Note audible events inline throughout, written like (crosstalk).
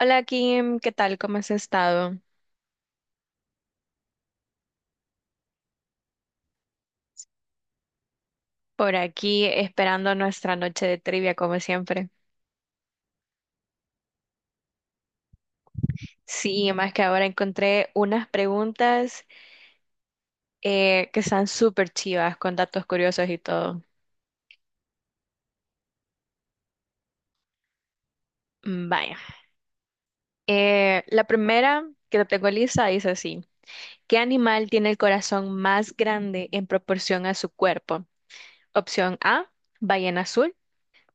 Hola Kim, ¿qué tal? ¿Cómo has estado? Por aquí esperando nuestra noche de trivia como siempre. Sí, más que ahora encontré unas preguntas que están súper chivas con datos curiosos y todo. Mm, vaya. La primera que te tengo lista dice así. ¿Qué animal tiene el corazón más grande en proporción a su cuerpo? Opción A, ballena azul.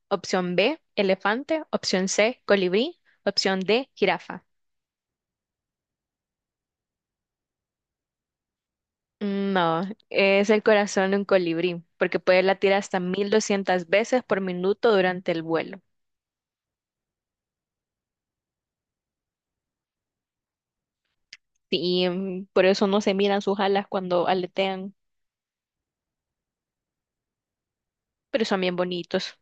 Opción B, elefante. Opción C, colibrí. Opción D, jirafa. Mm, no, es el corazón de un colibrí, porque puede latir hasta 1200 veces por minuto durante el vuelo. Y por eso no se miran sus alas cuando aletean, pero son bien bonitos.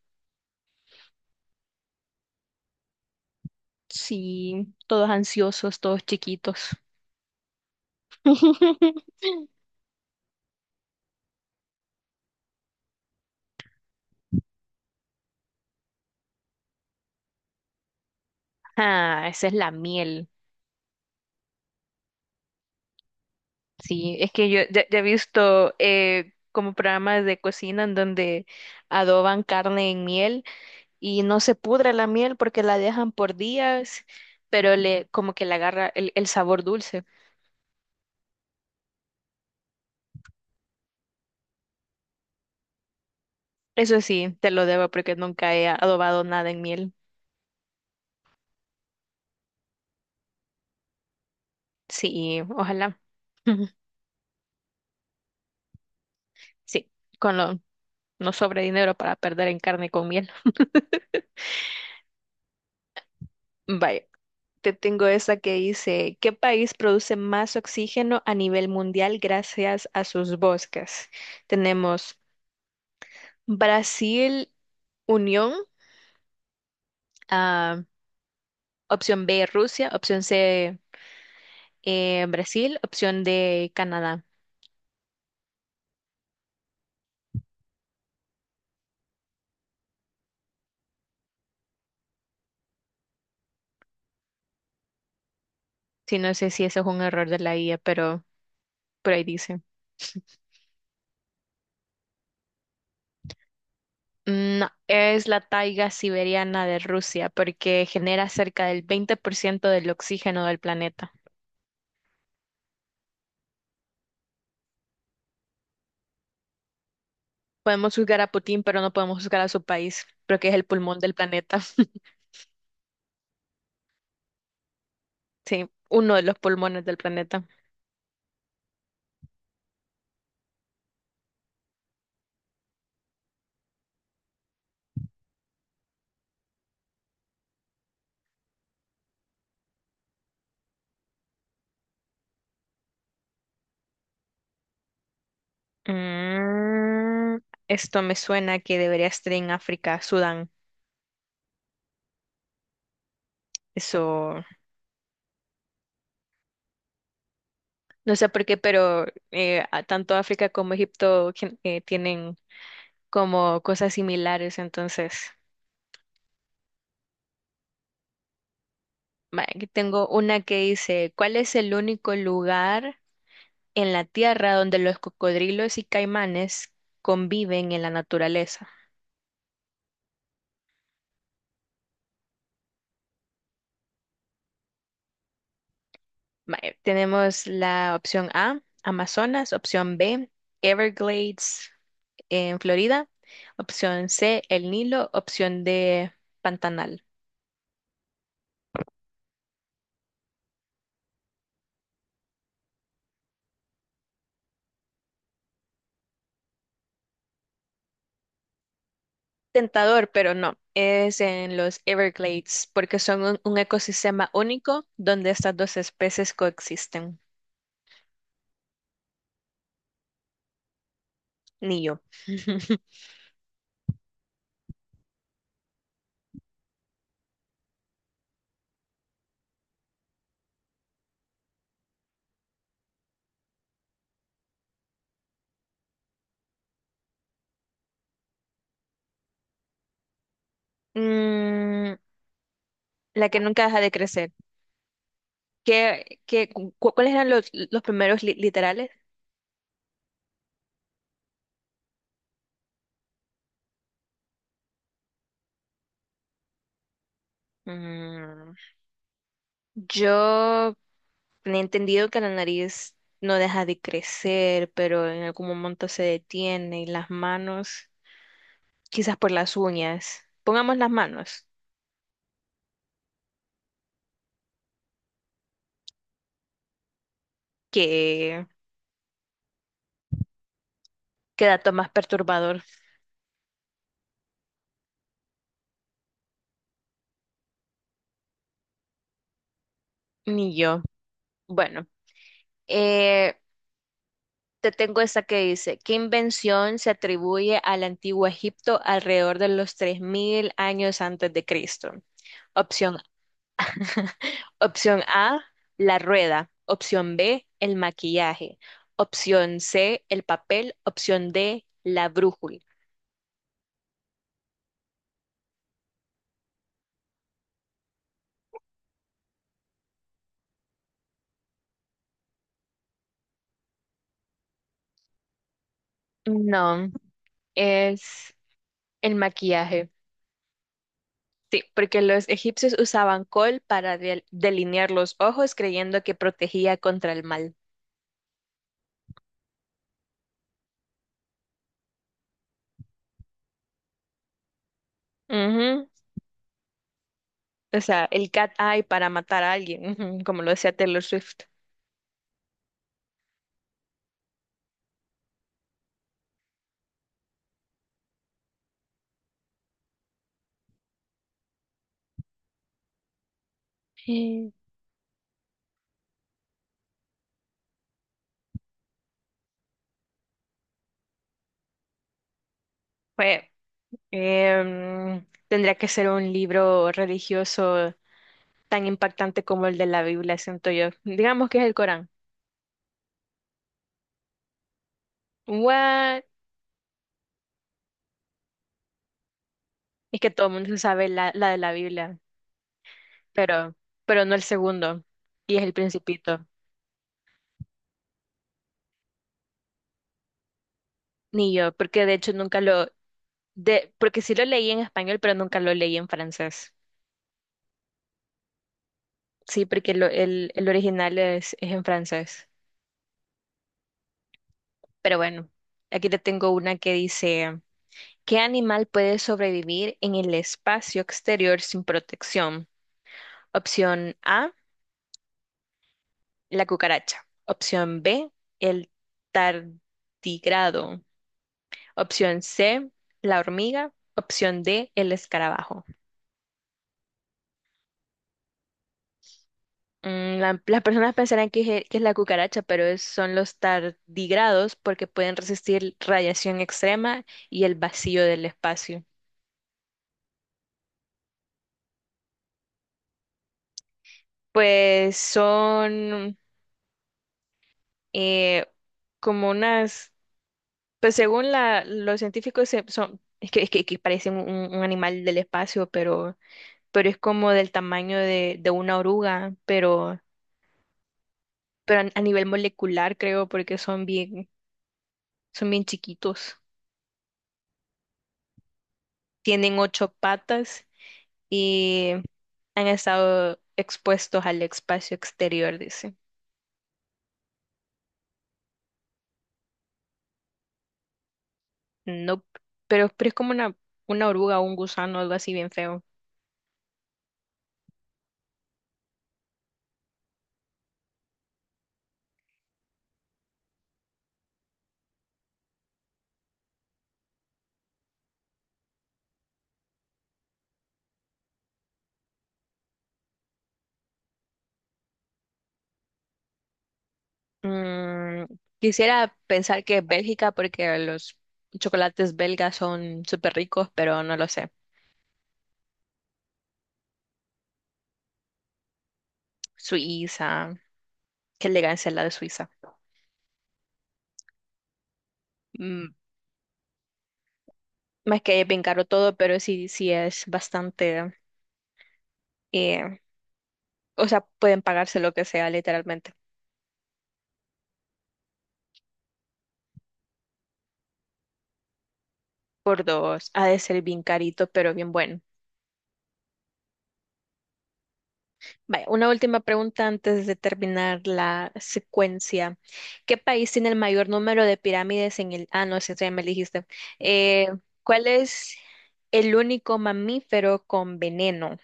Sí, todos ansiosos, todos chiquitos. (laughs) Ah, esa es la miel. Sí, es que yo ya he visto como programas de cocina en donde adoban carne en miel y no se pudre la miel porque la dejan por días, pero le como que le agarra el sabor dulce. Eso sí, te lo debo porque nunca he adobado nada en miel. Sí, ojalá. (laughs) Sí, con lo no sobre dinero para perder en carne con miel. (laughs) Vaya, te tengo esa que dice, ¿qué país produce más oxígeno a nivel mundial gracias a sus bosques? Tenemos Brasil, Unión, ah, opción B, Rusia, opción C, Brasil, opción de Canadá. Sí, no sé si eso es un error de la IA, pero por ahí dice. Mm, no, es la taiga siberiana de Rusia porque genera cerca del 20% del oxígeno del planeta. Podemos juzgar a Putin, pero no podemos juzgar a su país, porque es el pulmón del planeta. (laughs) Sí, uno de los pulmones del planeta. Mm, Esto me suena que debería estar en África, Sudán. Eso, no sé por qué, pero tanto África como Egipto tienen como cosas similares. Entonces, va, aquí tengo una que dice, ¿cuál es el único lugar en la Tierra donde los cocodrilos y caimanes conviven en la naturaleza? Va, tenemos la opción A, Amazonas, opción B, Everglades en Florida, opción C, el Nilo, opción D, Pantanal. Tentador, pero no. Es en los Everglades, porque son un ecosistema único donde estas dos especies coexisten. Ni yo. (laughs) Mm, la que nunca deja de crecer. Cuáles eran los primeros literales? Mm, yo he entendido que la nariz no deja de crecer, pero en algún momento se detiene y las manos, quizás por las uñas. Pongamos las manos, qué qué dato más perturbador. Ni yo. Bueno, eh, te tengo esta que dice, ¿qué invención se atribuye al antiguo Egipto alrededor de los 3000 años antes de Cristo? Opción, (laughs) Opción A, la rueda. Opción B, el maquillaje. Opción C, el papel. Opción D, la brújula. No, es el maquillaje. Sí, porque los egipcios usaban col para delinear los ojos creyendo que protegía contra el mal. Ujú. O sea, el cat eye para matar a alguien, ujú, como lo decía Taylor Swift. Sí. Fue, Tendría que ser un libro religioso tan impactante como el de la Biblia, siento yo. Digamos que es el Corán. What? Es que todo el mundo se sabe la de la Biblia, pero, pero no el segundo, y es el Principito, ni yo, porque de hecho nunca lo, porque sí lo leí en español, pero nunca lo leí en francés. Sí, porque el original es en francés. Pero bueno, aquí te tengo una que dice, ¿qué animal puede sobrevivir en el espacio exterior sin protección? Opción A, la cucaracha. Opción B, el tardigrado. Opción C, la hormiga. Opción D, el escarabajo. Las personas pensarán es que es la cucaracha, pero son los tardigrados porque pueden resistir radiación extrema y el vacío del espacio. Pues son... eh, como unas, pues según los científicos son, que parecen un animal del espacio, pero es como del tamaño de una oruga, pero a nivel molecular creo, porque son bien chiquitos. Tienen ocho patas y han estado expuestos al espacio exterior, dice. No, pero es como una oruga o un gusano, algo así bien feo. Mm, Quisiera pensar que es Bélgica porque los chocolates belgas son súper ricos, pero no lo sé. Suiza, qué elegancia la de Suiza. Mm, Más que es bien caro todo, pero sí, sí es bastante, eh, o sea, pueden pagarse lo que sea literalmente por dos. Ha de ser bien carito, pero bien bueno. Vaya, una última pregunta antes de terminar la secuencia. ¿Qué país tiene el mayor número de pirámides en el... Ah, no, ese ya me elegiste. Eh, ¿Cuál es el único mamífero con veneno?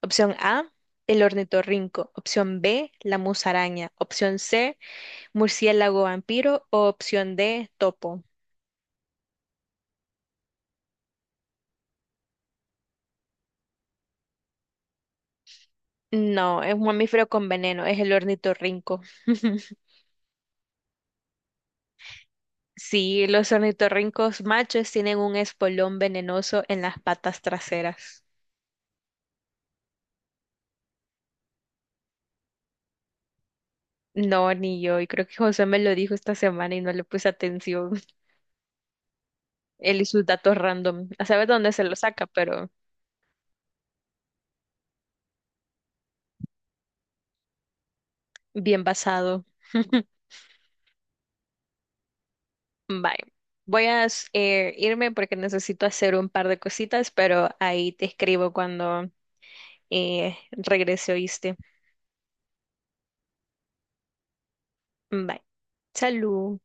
Opción A, el ornitorrinco. Opción B, la musaraña. Opción C, murciélago vampiro. O opción D, topo. No, es un mamífero con veneno, es el ornitorrinco. (laughs) Sí, los ornitorrincos machos tienen un espolón venenoso en las patas traseras. No, ni yo, y creo que José me lo dijo esta semana y no le puse atención. (laughs) Él y sus datos random. A saber dónde se lo saca, pero bien basado. (laughs) Bye. Voy a irme porque necesito hacer un par de cositas, pero ahí te escribo cuando regrese, ¿oíste? Bye. Salud.